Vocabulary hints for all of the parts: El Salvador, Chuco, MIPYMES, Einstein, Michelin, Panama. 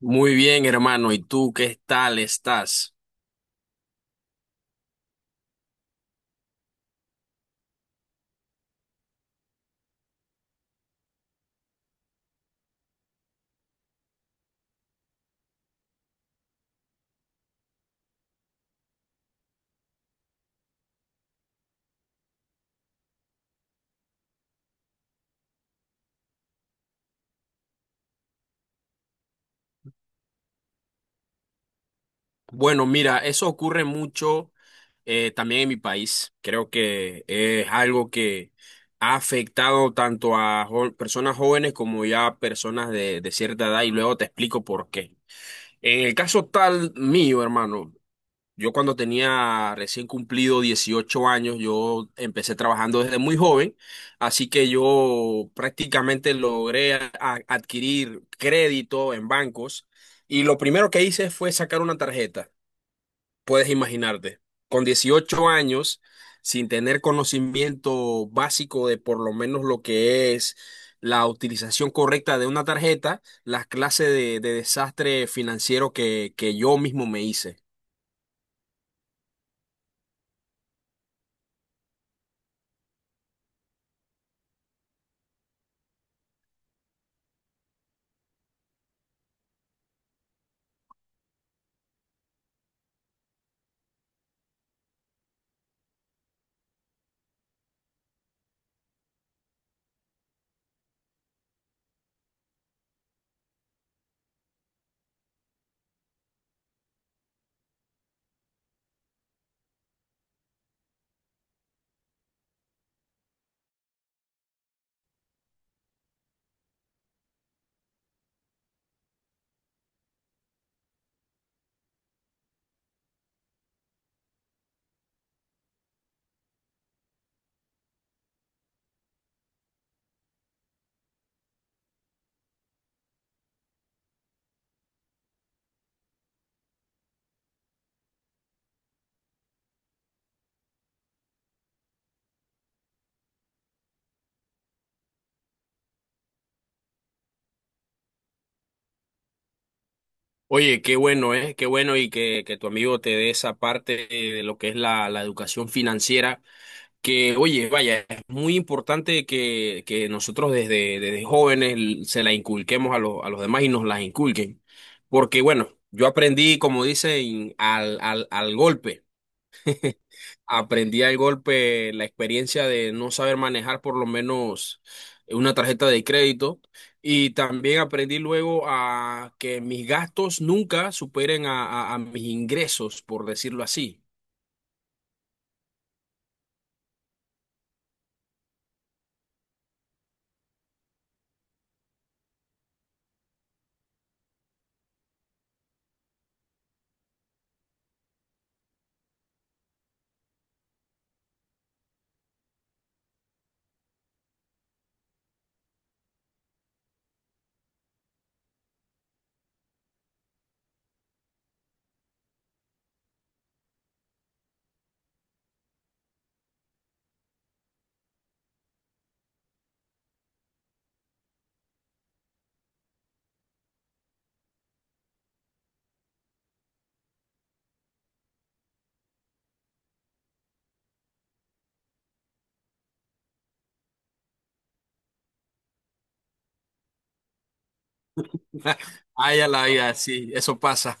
Muy bien, hermano. ¿Y tú qué tal estás? Bueno, mira, eso ocurre mucho también en mi país. Creo que es algo que ha afectado tanto a personas jóvenes como ya a personas de cierta edad y luego te explico por qué. En el caso tal mío, hermano, yo cuando tenía recién cumplido 18 años, yo empecé trabajando desde muy joven, así que yo prácticamente logré adquirir crédito en bancos y lo primero que hice fue sacar una tarjeta, puedes imaginarte, con 18 años, sin tener conocimiento básico de por lo menos lo que es la utilización correcta de una tarjeta, las clases de desastre financiero que yo mismo me hice. Oye, qué bueno, ¿eh? Qué bueno y que tu amigo te dé esa parte de lo que es la educación financiera, que, oye, vaya, es muy importante que nosotros desde jóvenes se la inculquemos a los demás y nos las inculquen. Porque, bueno, yo aprendí, como dicen, al golpe. Aprendí al golpe la experiencia de no saber manejar por lo menos una tarjeta de crédito y también aprendí luego a que mis gastos nunca superen a, a mis ingresos, por decirlo así. Ay, a la vida, sí, eso pasa.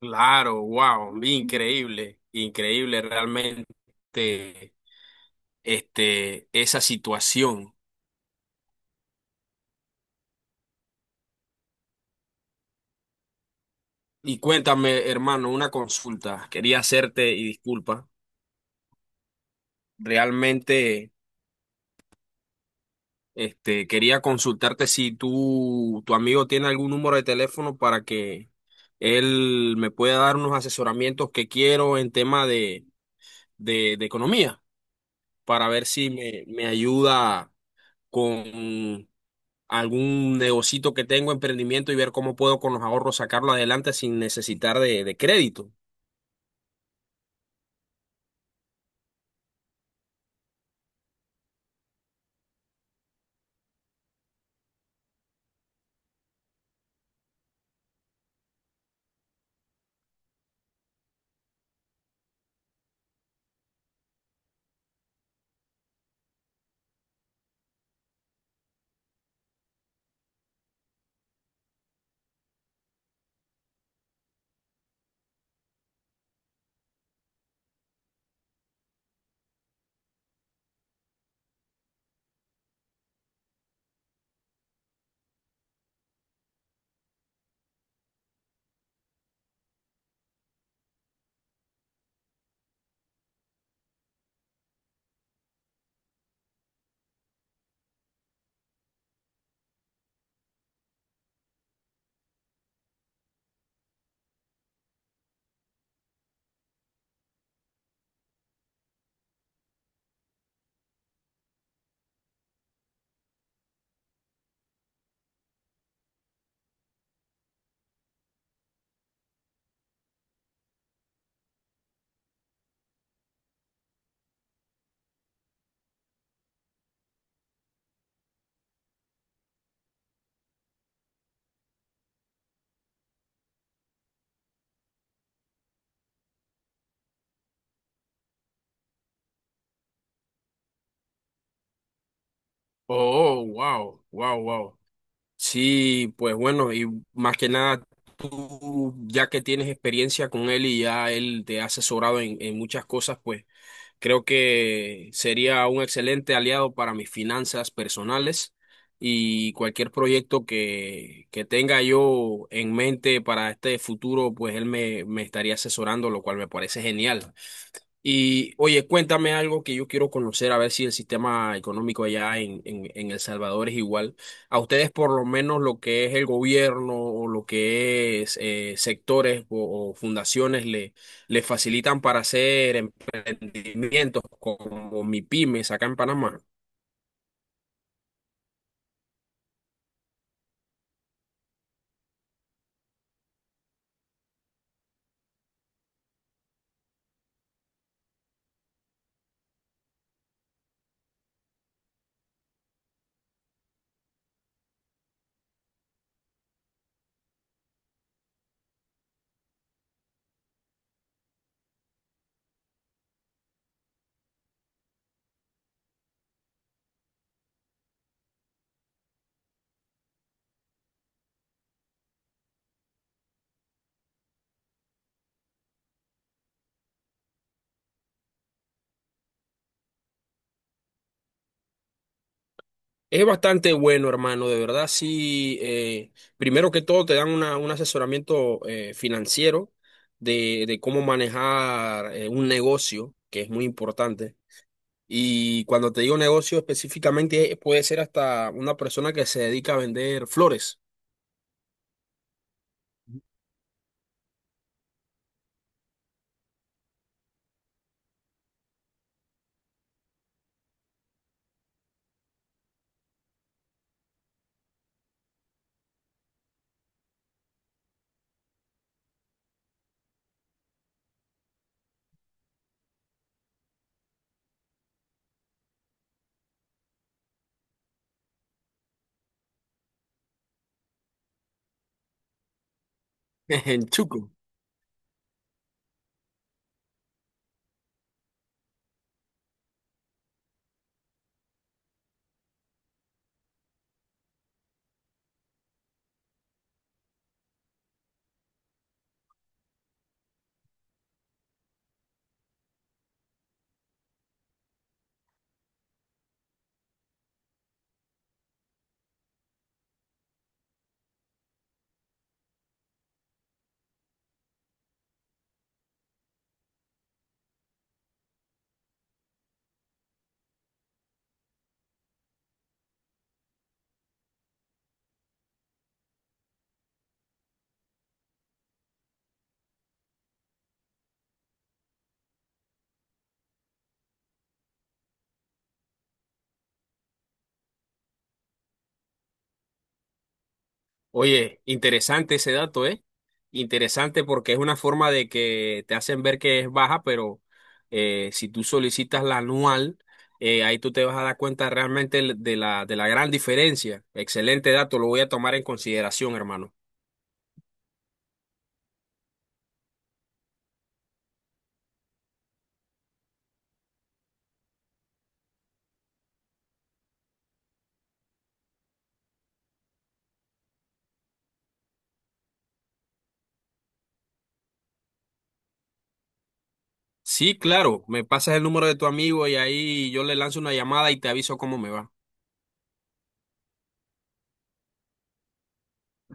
Claro, wow, increíble, increíble realmente este, esa situación. Y cuéntame, hermano, una consulta. Quería hacerte, y disculpa, realmente... Este, quería consultarte si tú, tu amigo tiene algún número de teléfono para que él me pueda dar unos asesoramientos que quiero en tema de economía, para ver si me ayuda con algún negocito que tengo, emprendimiento y ver cómo puedo con los ahorros sacarlo adelante sin necesitar de crédito. Oh, wow, wow, wow. Sí, pues bueno, y más que nada, tú ya que tienes experiencia con él y ya él te ha asesorado en muchas cosas, pues creo que sería un excelente aliado para mis finanzas personales y cualquier proyecto que tenga yo en mente para este futuro, pues él me estaría asesorando, lo cual me parece genial. Y oye, cuéntame algo que yo quiero conocer, a ver si el sistema económico allá en El Salvador es igual. A ustedes por lo menos lo que es el gobierno o lo que es sectores o fundaciones le facilitan para hacer emprendimientos como MIPYMES acá en Panamá. Es bastante bueno, hermano, de verdad, sí. Primero que todo te dan un asesoramiento financiero de cómo manejar un negocio, que es muy importante. Y cuando te digo negocio específicamente, puede ser hasta una persona que se dedica a vender flores en Chuco. Oye, interesante ese dato, ¿eh? Interesante porque es una forma de que te hacen ver que es baja, pero si tú solicitas la anual, ahí tú te vas a dar cuenta realmente de de la gran diferencia. Excelente dato, lo voy a tomar en consideración, hermano. Sí, claro, me pasas el número de tu amigo y ahí yo le lanzo una llamada y te aviso cómo me va.